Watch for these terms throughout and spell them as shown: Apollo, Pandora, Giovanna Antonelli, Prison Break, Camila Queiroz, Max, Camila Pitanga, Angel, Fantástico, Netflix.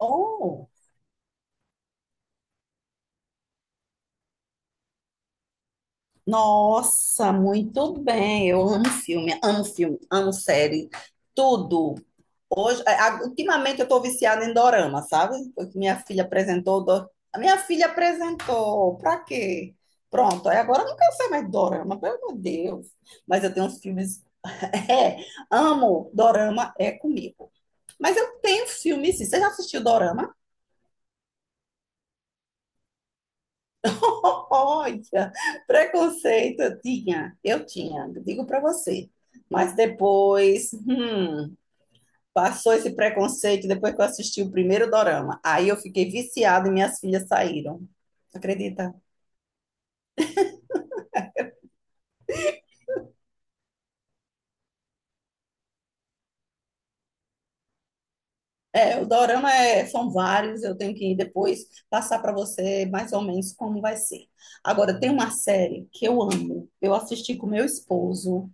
Oh, nossa, muito bem. Eu amo filme, amo filme, amo série, tudo. Hoje, ultimamente eu estou viciada em dorama, sabe? Porque minha filha a minha filha apresentou, pra quê? Pronto, aí agora eu não quero ser mais de dorama, pelo amor de Deus. Mas eu tenho uns filmes, é, amo, dorama é comigo. Mas eu tenho filmes, sim. Você já assistiu dorama? Olha, preconceito eu tinha, digo para você. Mas depois, passou esse preconceito depois que eu assisti o primeiro dorama. Aí eu fiquei viciada e minhas filhas saíram. Acredita? É, o são vários, eu tenho que depois passar para você mais ou menos como vai ser. Agora, tem uma série que eu amo. Eu assisti com meu esposo.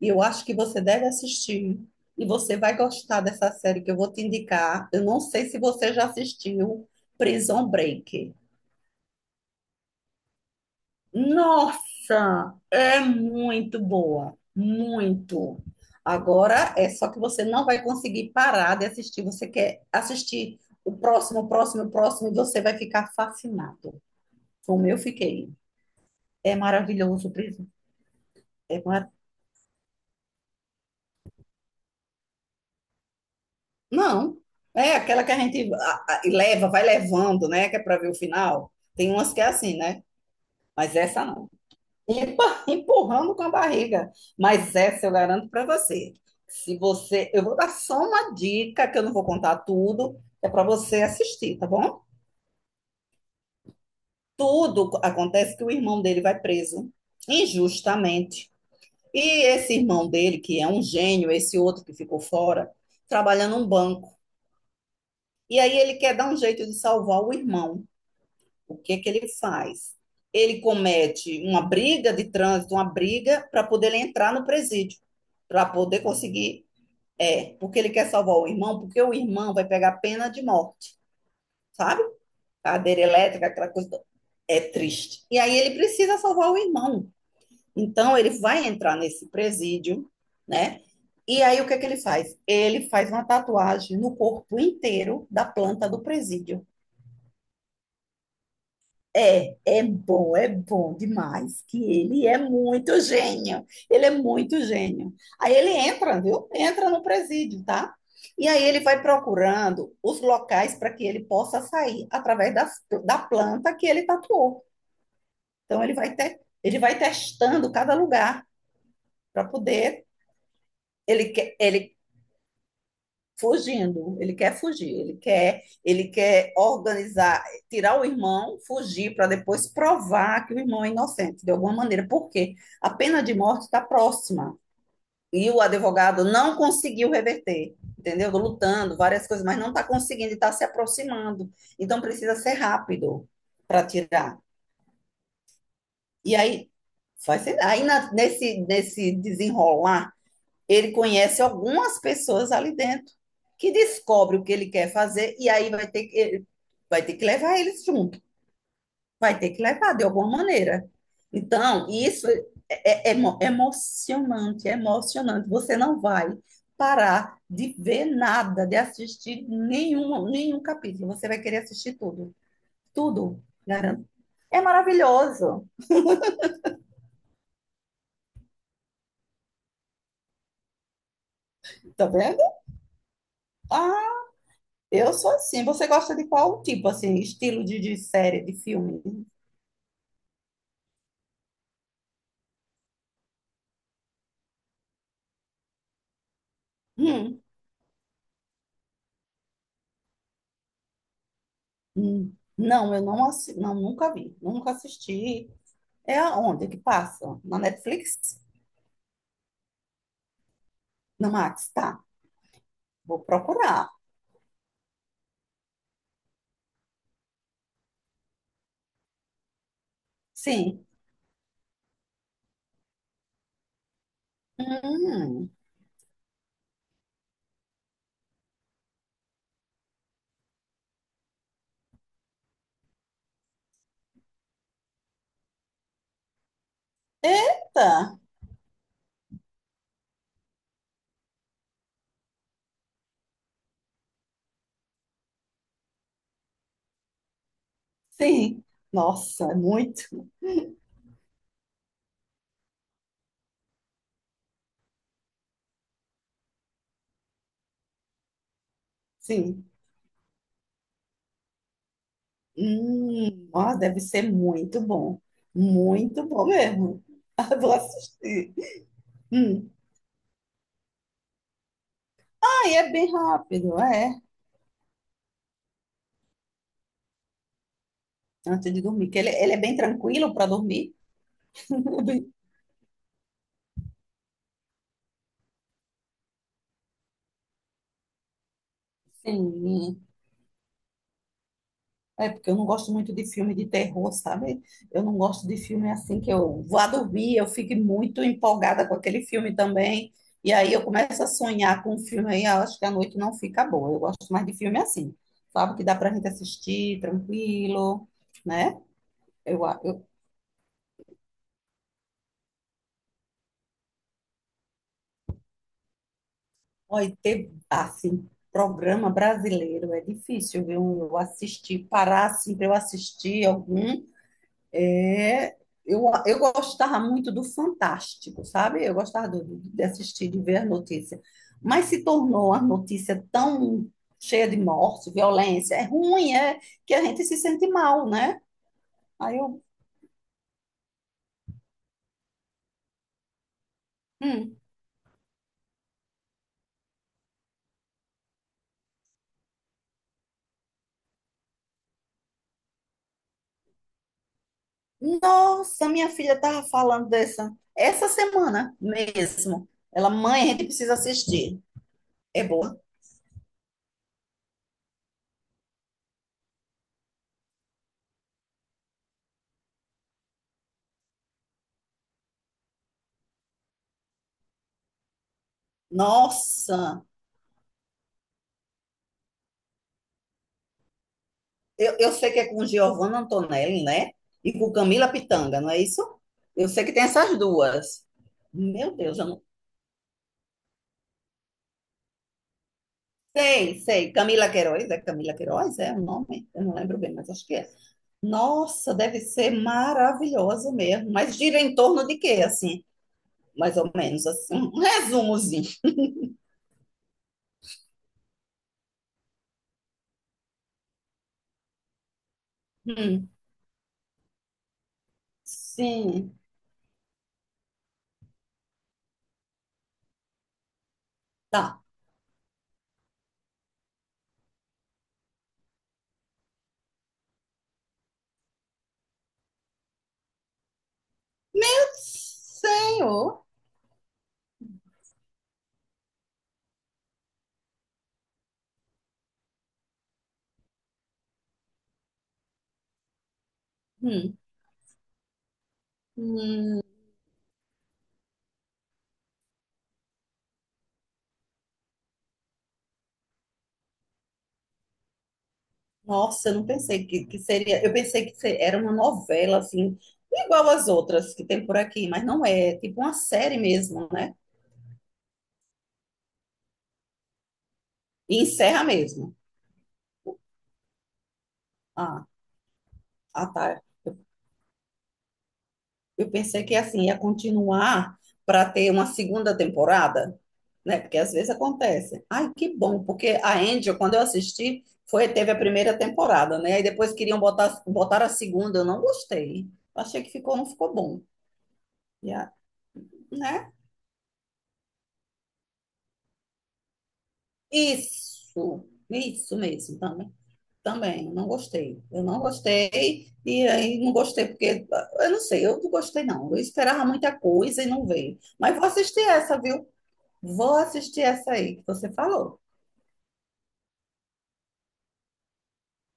E eu acho que você deve assistir. E você vai gostar dessa série que eu vou te indicar. Eu não sei se você já assistiu Prison Break. Nossa, é muito boa, muito. Agora é só que você não vai conseguir parar de assistir. Você quer assistir o próximo, o próximo, o próximo, e você vai ficar fascinado. Como eu fiquei. É maravilhoso, Prison. É. Não. É aquela que a gente leva, vai levando, né? Que é para ver o final. Tem umas que é assim, né? Mas essa não. Empurrando com a barriga. Mas essa eu garanto para você. Se você, eu vou dar só uma dica, que eu não vou contar tudo, é para você assistir, tá bom? Tudo acontece que o irmão dele vai preso injustamente. E esse irmão dele, que é um gênio, esse outro que ficou fora, trabalha num banco. E aí ele quer dar um jeito de salvar o irmão. O que que ele faz? Ele comete uma briga de trânsito, uma briga para poder ele entrar no presídio, para poder conseguir, é, porque ele quer salvar o irmão, porque o irmão vai pegar pena de morte, sabe? Cadeira elétrica, aquela coisa toda. É triste. E aí ele precisa salvar o irmão. Então ele vai entrar nesse presídio, né? E aí o que é que ele faz? Ele faz uma tatuagem no corpo inteiro da planta do presídio. É, é bom demais, que ele é muito gênio, ele é muito gênio. Aí ele entra, viu? Entra no presídio, tá? E aí ele vai procurando os locais para que ele possa sair através da planta que ele tatuou. Então ele ele vai testando cada lugar para poder, ele fugindo, ele quer fugir, ele quer organizar, tirar o irmão, fugir para depois provar que o irmão é inocente de alguma maneira, porque a pena de morte está próxima e o advogado não conseguiu reverter, entendeu? Lutando várias coisas, mas não está conseguindo, está se aproximando, então precisa ser rápido para tirar. E aí, faz, aí na- nesse nesse desenrolar ele conhece algumas pessoas ali dentro que descobre o que ele quer fazer e aí vai ter que levar eles junto, vai ter que levar de alguma maneira. Então, isso é, é emocionante, é emocionante. Você não vai parar de ver nada, de assistir nenhum capítulo. Você vai querer assistir tudo. Tudo, garanto. É maravilhoso. Tá vendo? Ah, eu sou assim. Você gosta de qual tipo, assim, estilo de série, de filme? Hum, Não, eu não, assi... não, nunca vi, nunca assisti. É aonde que passa? Na Netflix? Na Max, tá. Vou procurar. Sim. Hum. Eita! Sim. Nossa, é muito. Sim. Hum. Nossa, deve ser muito bom. Muito bom mesmo. Vou assistir. Hum. Ah, é bem rápido, é. Antes de dormir, que ele é bem tranquilo para dormir. Bem- Sim. É, porque eu não gosto muito de filme de terror, sabe? Eu não gosto de filme assim que eu vá dormir, eu fico muito empolgada com aquele filme também. E aí eu começo a sonhar com o filme aí, eu acho que a noite não fica boa. Eu gosto mais de filme assim, sabe? Que dá pra gente assistir tranquilo, né? Eu, a- eu, olha, ter, assim, programa brasileiro é difícil, viu? Eu assistir, parar assim pra eu assistir algum. É, eu gostava muito do Fantástico, sabe? Eu gostava de assistir, de ver a notícia. Mas se tornou a notícia tão cheia de morte, violência, é ruim, é que a gente se sente mal, né? Aí eu, hum, nossa, minha filha estava falando dessa, essa semana mesmo. Ela, mãe, a gente precisa assistir. É boa. Nossa! Eu sei que é com Giovanna Antonelli, né? E com Camila Pitanga, não é isso? Eu sei que tem essas duas. Meu Deus, eu não sei, sei. Camila Queiroz? É o nome? Eu não lembro bem, mas acho que é. Nossa, deve ser maravilhosa mesmo. Mas gira em torno de quê, assim? Mais ou menos, assim. Um resumozinho. Hum, sim, tá. Meu Senhor. Hum, hum. Nossa, eu não pensei que seria. Eu pensei que era uma novela, assim, igual as outras que tem por aqui, mas não é. É tipo uma série mesmo, né? E encerra mesmo. Ah, ah tá. Eu pensei que, assim, ia continuar para ter uma segunda temporada, né? Porque às vezes acontece. Ai, que bom, porque a Angel, quando eu assisti, foi, teve a primeira temporada, né? Aí depois queriam botar a segunda, eu não gostei. Achei que ficou, não ficou bom. E a- né? Isso mesmo, também. Também, eu não gostei. Eu não gostei, e aí não gostei porque, eu não sei, eu não gostei não. Eu esperava muita coisa e não veio. Mas vou assistir essa, viu? Vou assistir essa aí que você falou.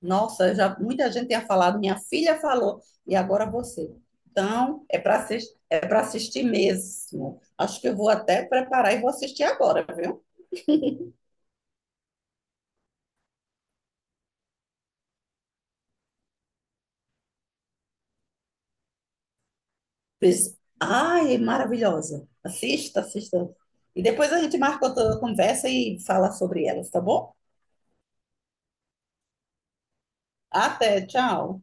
Nossa, já muita gente tinha falado, minha filha falou, e agora você. Então, é para assistir mesmo. Acho que eu vou até preparar e vou assistir agora, viu? Pois- Ai, é maravilhosa. Assista, assista. E depois a gente marca outra conversa e fala sobre elas, tá bom? Até, tchau.